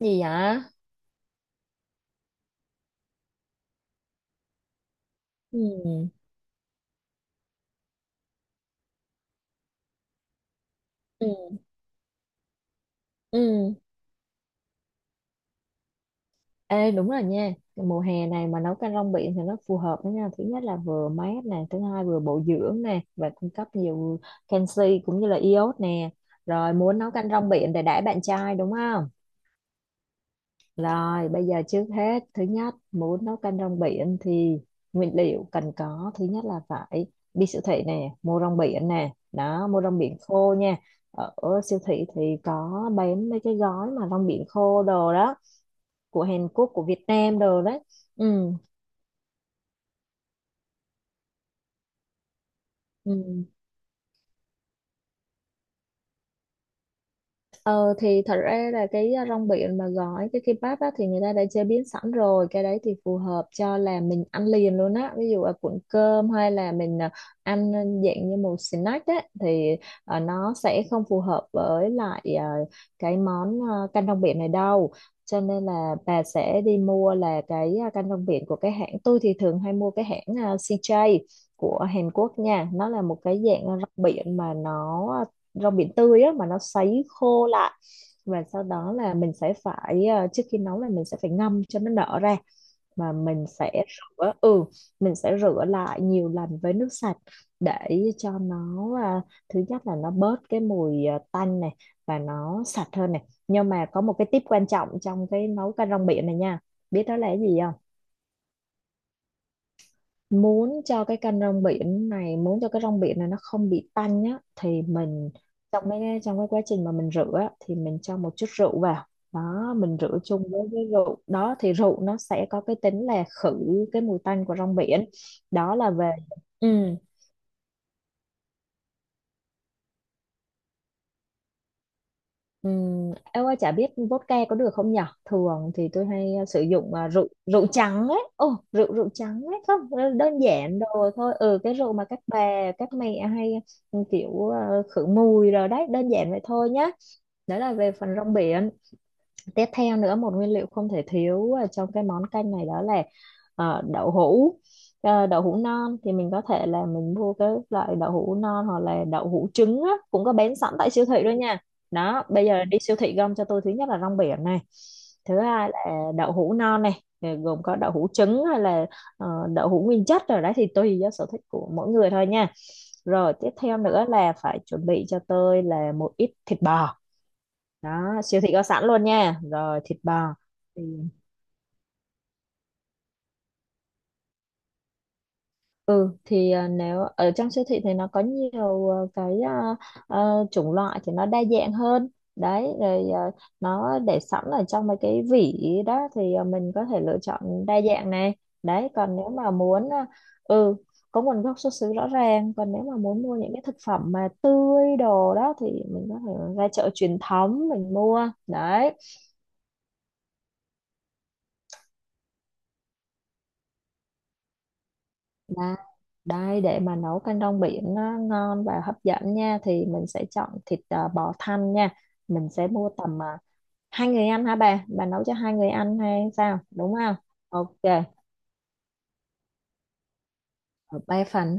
Gì vậy? Ừ. Ừ. Ừ. Ê, đúng rồi nha. Mùa hè này mà nấu canh rong biển thì nó phù hợp đó nha. Thứ nhất là vừa mát nè, thứ hai vừa bổ dưỡng nè, và cung cấp nhiều canxi cũng như là iốt nè. Rồi, muốn nấu canh rong biển để đãi bạn trai đúng không? Rồi, bây giờ trước hết, thứ nhất, muốn nấu canh rong biển thì nguyên liệu cần có, thứ nhất là phải đi siêu thị nè, mua rong biển nè, đó, mua rong biển khô nha. Ở siêu thị thì có bán mấy cái gói mà rong biển khô đồ đó, của Hàn Quốc, của Việt Nam đồ đấy. Ừ, ừ. Ờ thì thật ra là cái rong biển mà gói cái kimbap á, thì người ta đã chế biến sẵn rồi. Cái đấy thì phù hợp cho là mình ăn liền luôn á, ví dụ là cuộn cơm hay là mình ăn dạng như một snack á. Thì nó sẽ không phù hợp với lại uh, cái món canh rong biển này đâu. Cho nên là bà sẽ đi mua là cái canh rong biển của cái hãng. Tôi thì thường hay mua cái hãng CJ của Hàn Quốc nha. Nó là một cái dạng rong biển mà nó rau biển tươi á mà nó sấy khô lại. Và sau đó là mình sẽ phải trước khi nấu là mình sẽ phải ngâm cho nó nở ra. Mà mình sẽ rửa, ừ, mình sẽ rửa lại nhiều lần với nước sạch để cho nó, à, thứ nhất là nó bớt cái mùi, tanh này, và nó sạch hơn này. Nhưng mà có một cái tip quan trọng trong cái nấu canh rong biển này nha. Biết đó là cái gì không? Muốn cho cái kênh rong biển này muốn cho cái rong biển này nó không bị tanh nhá thì mình, trong cái quá trình mà mình rửa á, thì mình cho một chút rượu vào. Đó, mình rửa chung với cái rượu đó thì rượu nó sẽ có cái tính là khử cái mùi tanh của rong biển. Đó là về, ừ. Em ơi chả biết vodka có được không nhở? Thường thì tôi hay sử dụng rượu rượu trắng ấy. Ồ, rượu rượu trắng ấy không đơn giản đồ thôi. Ừ, cái rượu mà các bà các mẹ hay kiểu khử mùi rồi đấy, đơn giản vậy thôi nhá. Đó là về phần rong biển. Tiếp theo nữa, một nguyên liệu không thể thiếu ở trong cái món canh này đó là đậu hũ. Ờ, đậu hũ non thì mình có thể là mình mua cái loại đậu hũ non hoặc là đậu hũ trứng á, cũng có bán sẵn tại siêu thị đó nha. Đó, bây giờ đi siêu thị gom cho tôi, thứ nhất là rong biển này, thứ hai là đậu hũ non này, gồm có đậu hũ trứng hay là ờ, đậu hũ nguyên chất rồi đấy, thì tùy do sở thích của mỗi người thôi nha. Rồi tiếp theo nữa là phải chuẩn bị cho tôi là một ít thịt bò. Đó, siêu thị có sẵn luôn nha. Rồi thịt bò thì, ừ thì, nếu ở trong siêu thị thì nó có nhiều, à, chủng loại thì nó đa dạng hơn đấy. Rồi nó để sẵn ở trong mấy cái vỉ đó thì mình có thể lựa chọn đa dạng này. Đấy còn nếu mà muốn, ừ, có nguồn gốc xuất xứ rõ ràng. Còn nếu mà muốn mua những cái thực phẩm mà tươi đồ đó thì mình có thể ra chợ truyền thống mình mua đấy. Đó. Đây, để mà nấu canh rong biển nó ngon và hấp dẫn nha thì mình sẽ chọn thịt, bò thăn nha. Mình sẽ mua tầm, hai người ăn hả bà? Bà nấu cho hai người ăn hay sao, đúng không? Ok, ở ba phần.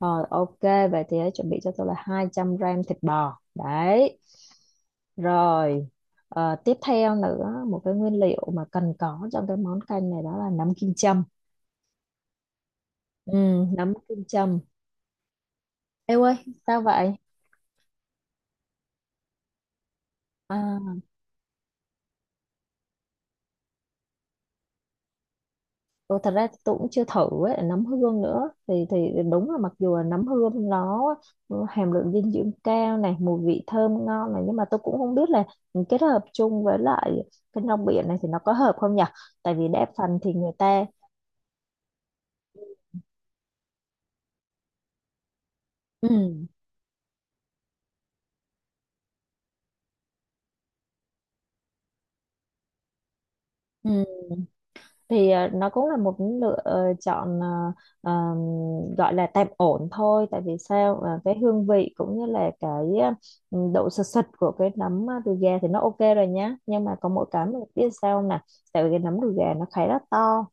Rồi ok, vậy thì hãy chuẩn bị cho tôi là 200 gram thịt bò. Đấy. Rồi, ờ, tiếp theo nữa một cái nguyên liệu mà cần có trong cái món canh này đó là nấm kim châm. Ừ, nấm kim châm. Ê ơi, sao vậy? À. Ừ, thật ra thì tôi cũng chưa thử ấy, nấm hương nữa thì đúng là mặc dù là nấm hương nó hàm lượng dinh dưỡng cao này, mùi vị thơm ngon này, nhưng mà tôi cũng không biết là kết hợp chung với lại cái rong biển này thì nó có hợp không nhỉ. Tại vì đa phần thì người ta, ừ, ừ, thì nó cũng là một lựa, chọn, ờm, gọi là tạm ổn thôi. Tại vì sao? Ờ, cái hương vị cũng như là cái độ sật sật của cái nấm đùi gà thì nó ok rồi nhá, nhưng mà có mỗi cái mình biết sao nè, tại vì cái nấm đùi gà nó khá là to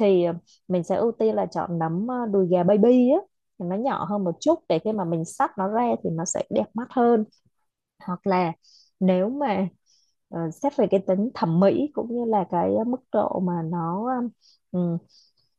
thì mình sẽ ưu tiên là chọn nấm đùi gà baby á, thì nó nhỏ hơn một chút, để khi mà mình xắt nó ra thì nó sẽ đẹp mắt hơn. Hoặc là nếu mà xét về cái tính thẩm mỹ cũng như là cái mức độ mà nó, ừm,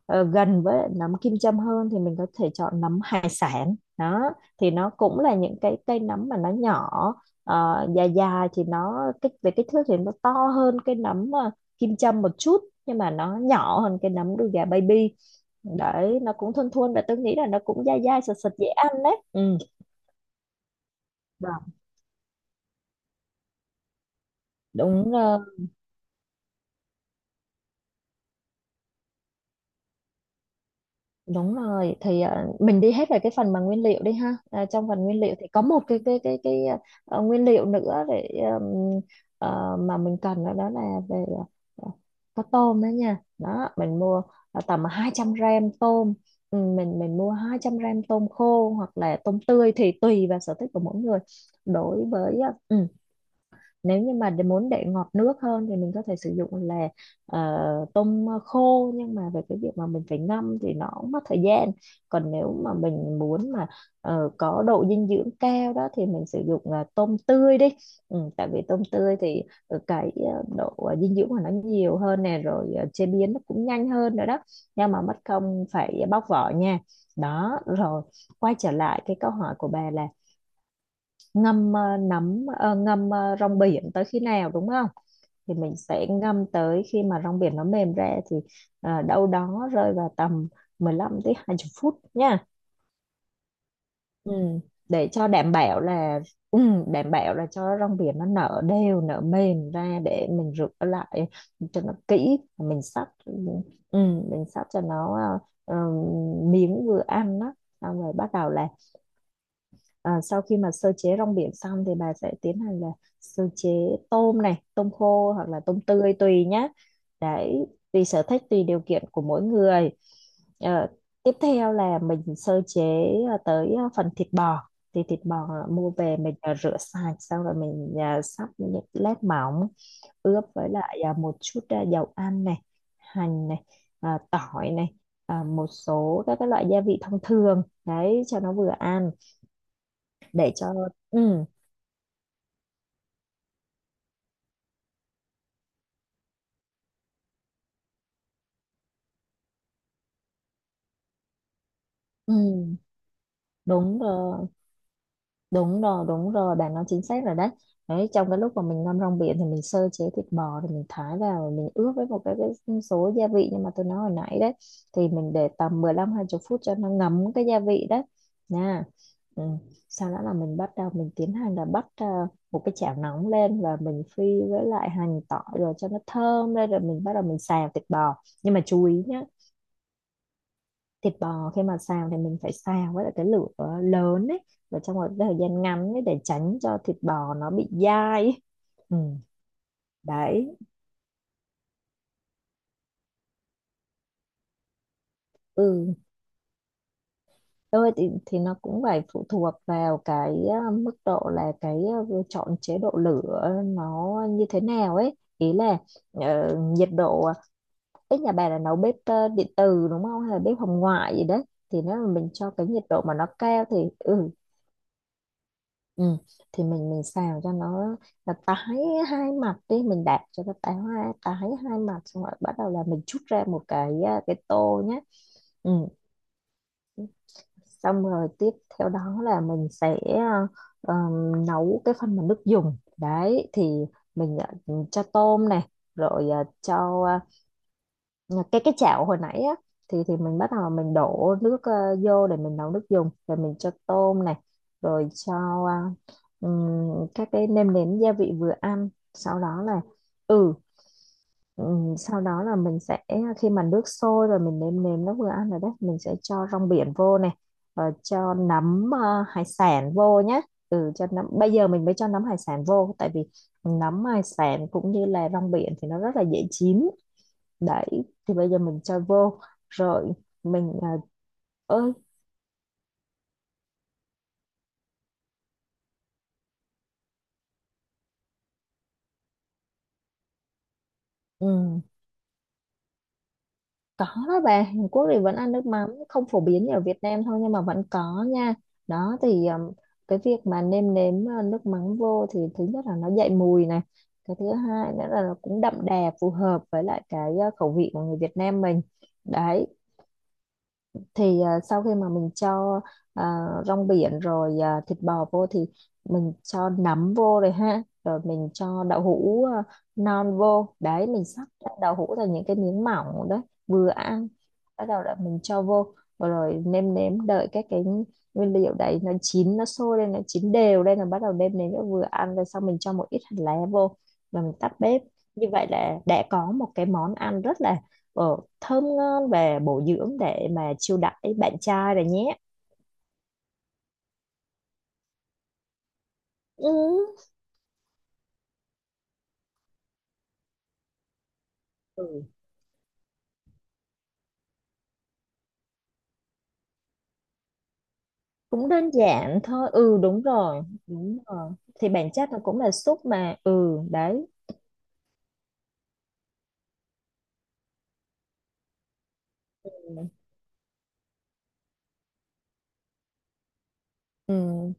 gần với nấm kim châm hơn thì mình có thể chọn nấm hải sản đó. Thì nó cũng là những cái cây nấm mà nó nhỏ, dài dài, thì nó kích về kích thước thì nó to hơn cái nấm kim châm một chút, nhưng mà nó nhỏ hơn cái nấm đùi gà baby. Đấy, nó cũng thon thon và tôi nghĩ là nó cũng dai dai sật sật dễ ăn đấy. Ừ. Vâng. đúng ờ, Đúng rồi, thì mình đi hết về cái phần mà nguyên liệu đi ha. À, trong phần nguyên liệu thì có một cái nguyên liệu nữa để, ừm, mà mình cần đó, đó là về, ờ, có tôm đó nha. Đó mình mua tầm hai trăm gram tôm. Ừ, mình mua 200 gram tôm khô hoặc là tôm tươi thì tùy vào sở thích của mỗi người. Đối với, nếu như mà muốn để ngọt nước hơn thì mình có thể sử dụng là ờ, tôm khô, nhưng mà về cái việc mà mình phải ngâm thì nó cũng mất thời gian. Còn nếu mà mình muốn mà có độ dinh dưỡng cao đó thì mình sử dụng tôm tươi đi. Ừ, tại vì tôm tươi thì ờ, cái ờ, độ ờ, dinh dưỡng của nó nhiều hơn nè, rồi chế biến nó cũng nhanh hơn nữa đó, nhưng mà mất công phải bóc vỏ nha. Đó rồi, quay trở lại cái câu hỏi của bà là ngâm, ngâm rong biển tới khi nào đúng không? Thì mình sẽ ngâm tới khi mà rong biển nó mềm ra, thì đâu đó rơi vào tầm 15 tới 20 phút nha. Ừ. Để cho đảm bảo là, ừ, đảm bảo là cho rong biển nó nở đều, nở mềm ra để mình rửa lại cho nó kỹ. Mình sắp ừ, mình sắp cho nó ờ, ờ, miếng vừa ăn đó. Xong rồi bắt đầu là, à, sau khi mà sơ chế rong biển xong thì bà sẽ tiến hành là sơ chế tôm này, tôm khô hoặc là tôm tươi tùy nhá. Đấy, tùy sở thích, tùy điều kiện của mỗi người. Ờ, tiếp theo là mình sơ chế tới phần thịt bò. Thì thịt bò mua về mình rửa sạch, xong rồi mình sắp những lát mỏng, ướp với lại một chút dầu ăn này, hành này, tỏi này, một số các cái loại gia vị thông thường. Đấy, cho nó vừa ăn, để cho, ừ. ừ đúng rồi đúng rồi, bạn nói chính xác rồi đấy. Đấy, trong cái lúc mà mình ngâm rong biển thì mình sơ chế thịt bò, thì mình thái vào rồi mình ướp với một cái số gia vị nhưng mà tôi nói hồi nãy đấy. Thì mình để tầm mười lăm, hai 20 phút cho nó ngấm cái gia vị đấy nha. Ừ. Sau đó là mình bắt đầu mình tiến hành là bắt, một cái chảo nóng lên và mình phi với lại hành tỏi rồi cho nó thơm lên, rồi mình bắt đầu mình xào thịt bò. Nhưng mà chú ý nhé, thịt bò khi mà xào thì mình phải xào với lại cái lửa lớn ấy, và trong một cái thời gian ngắn ấy, để tránh cho thịt bò nó bị dai ấy. Ừ, đấy, ừ, thôi thì nó cũng phải phụ thuộc vào cái mức độ là cái chọn chế độ lửa nó như thế nào ấy, ý là nhiệt độ. Cái nhà bà là nấu bếp điện từ đúng không, hay là bếp hồng ngoại gì đấy? Thì nếu mà mình cho cái nhiệt độ mà nó cao thì ừ, ừ. Thì mình xào cho nó là tái hai mặt đi, mình đạp cho nó tái, hai tái hai mặt xong rồi bắt đầu là mình trút ra một cái tô nhé. Ừ. Xong rồi tiếp theo đó là mình sẽ nấu cái phần mà nước dùng đấy, thì mình cho tôm này, rồi cho, cái chảo hồi nãy á, thì mình bắt đầu mình đổ nước vô để mình nấu nước dùng, rồi mình cho tôm này, rồi cho ờ, các cái nêm nếm gia vị vừa ăn. Sau đó là ừ, sau đó là mình sẽ, khi mà nước sôi rồi mình nêm nếm nó vừa ăn rồi đấy, mình sẽ cho rong biển vô này, rồi cho nấm hải sản vô nhé. Ừ, cho nấm, bây giờ mình mới cho nấm hải sản vô tại vì nấm hải sản cũng như là rong biển thì nó rất là dễ chín. Đấy, thì bây giờ mình cho vô rồi, mình ơi, ừ, có đó bà. Hàn Quốc thì vẫn ăn nước mắm, không phổ biến như ở Việt Nam thôi nhưng mà vẫn có nha. Đó thì cái việc mà nêm nếm nước mắm vô thì thứ nhất là nó dậy mùi này, cái thứ hai nữa là nó cũng đậm đà, phù hợp với lại cái khẩu vị của người Việt Nam mình. Đấy, thì sau khi mà mình cho rong biển rồi thịt bò vô thì mình cho nấm vô rồi ha, rồi mình cho đậu hũ non vô, đấy mình sắp ra đậu hũ thành những cái miếng mỏng đấy, vừa ăn. Bắt đầu là mình cho vô rồi, rồi nêm nếm đợi các cái nguyên liệu đấy nó chín, nó sôi lên nó chín đều lên là bắt đầu nêm nếm nó vừa ăn, rồi sau mình cho một ít hành lá vô và mình tắt bếp. Như vậy là đã có một cái món ăn rất là thơm ngon và bổ dưỡng để mà chiêu đãi bạn trai rồi nhé. Ừ, ừ, cũng đơn giản thôi, ừ, đúng rồi đúng rồi, thì bản chất nó cũng là súp mà. Ừ, đấy, ừ. Ừ.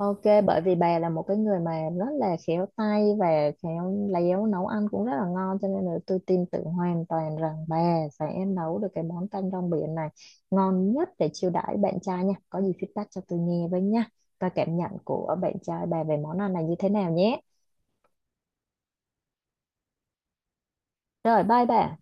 Ok, bởi vì bà là một cái người mà rất là khéo tay và khéo léo, nấu ăn cũng rất là ngon, cho nên là tôi tin tưởng hoàn toàn rằng bà sẽ nấu được cái món canh rong biển này ngon nhất để chiêu đãi bạn trai nha. Có gì feedback cho tôi nghe với nha. Coi cảm nhận của bạn trai bà về món ăn này như thế nào nhé. Rồi, bye bà.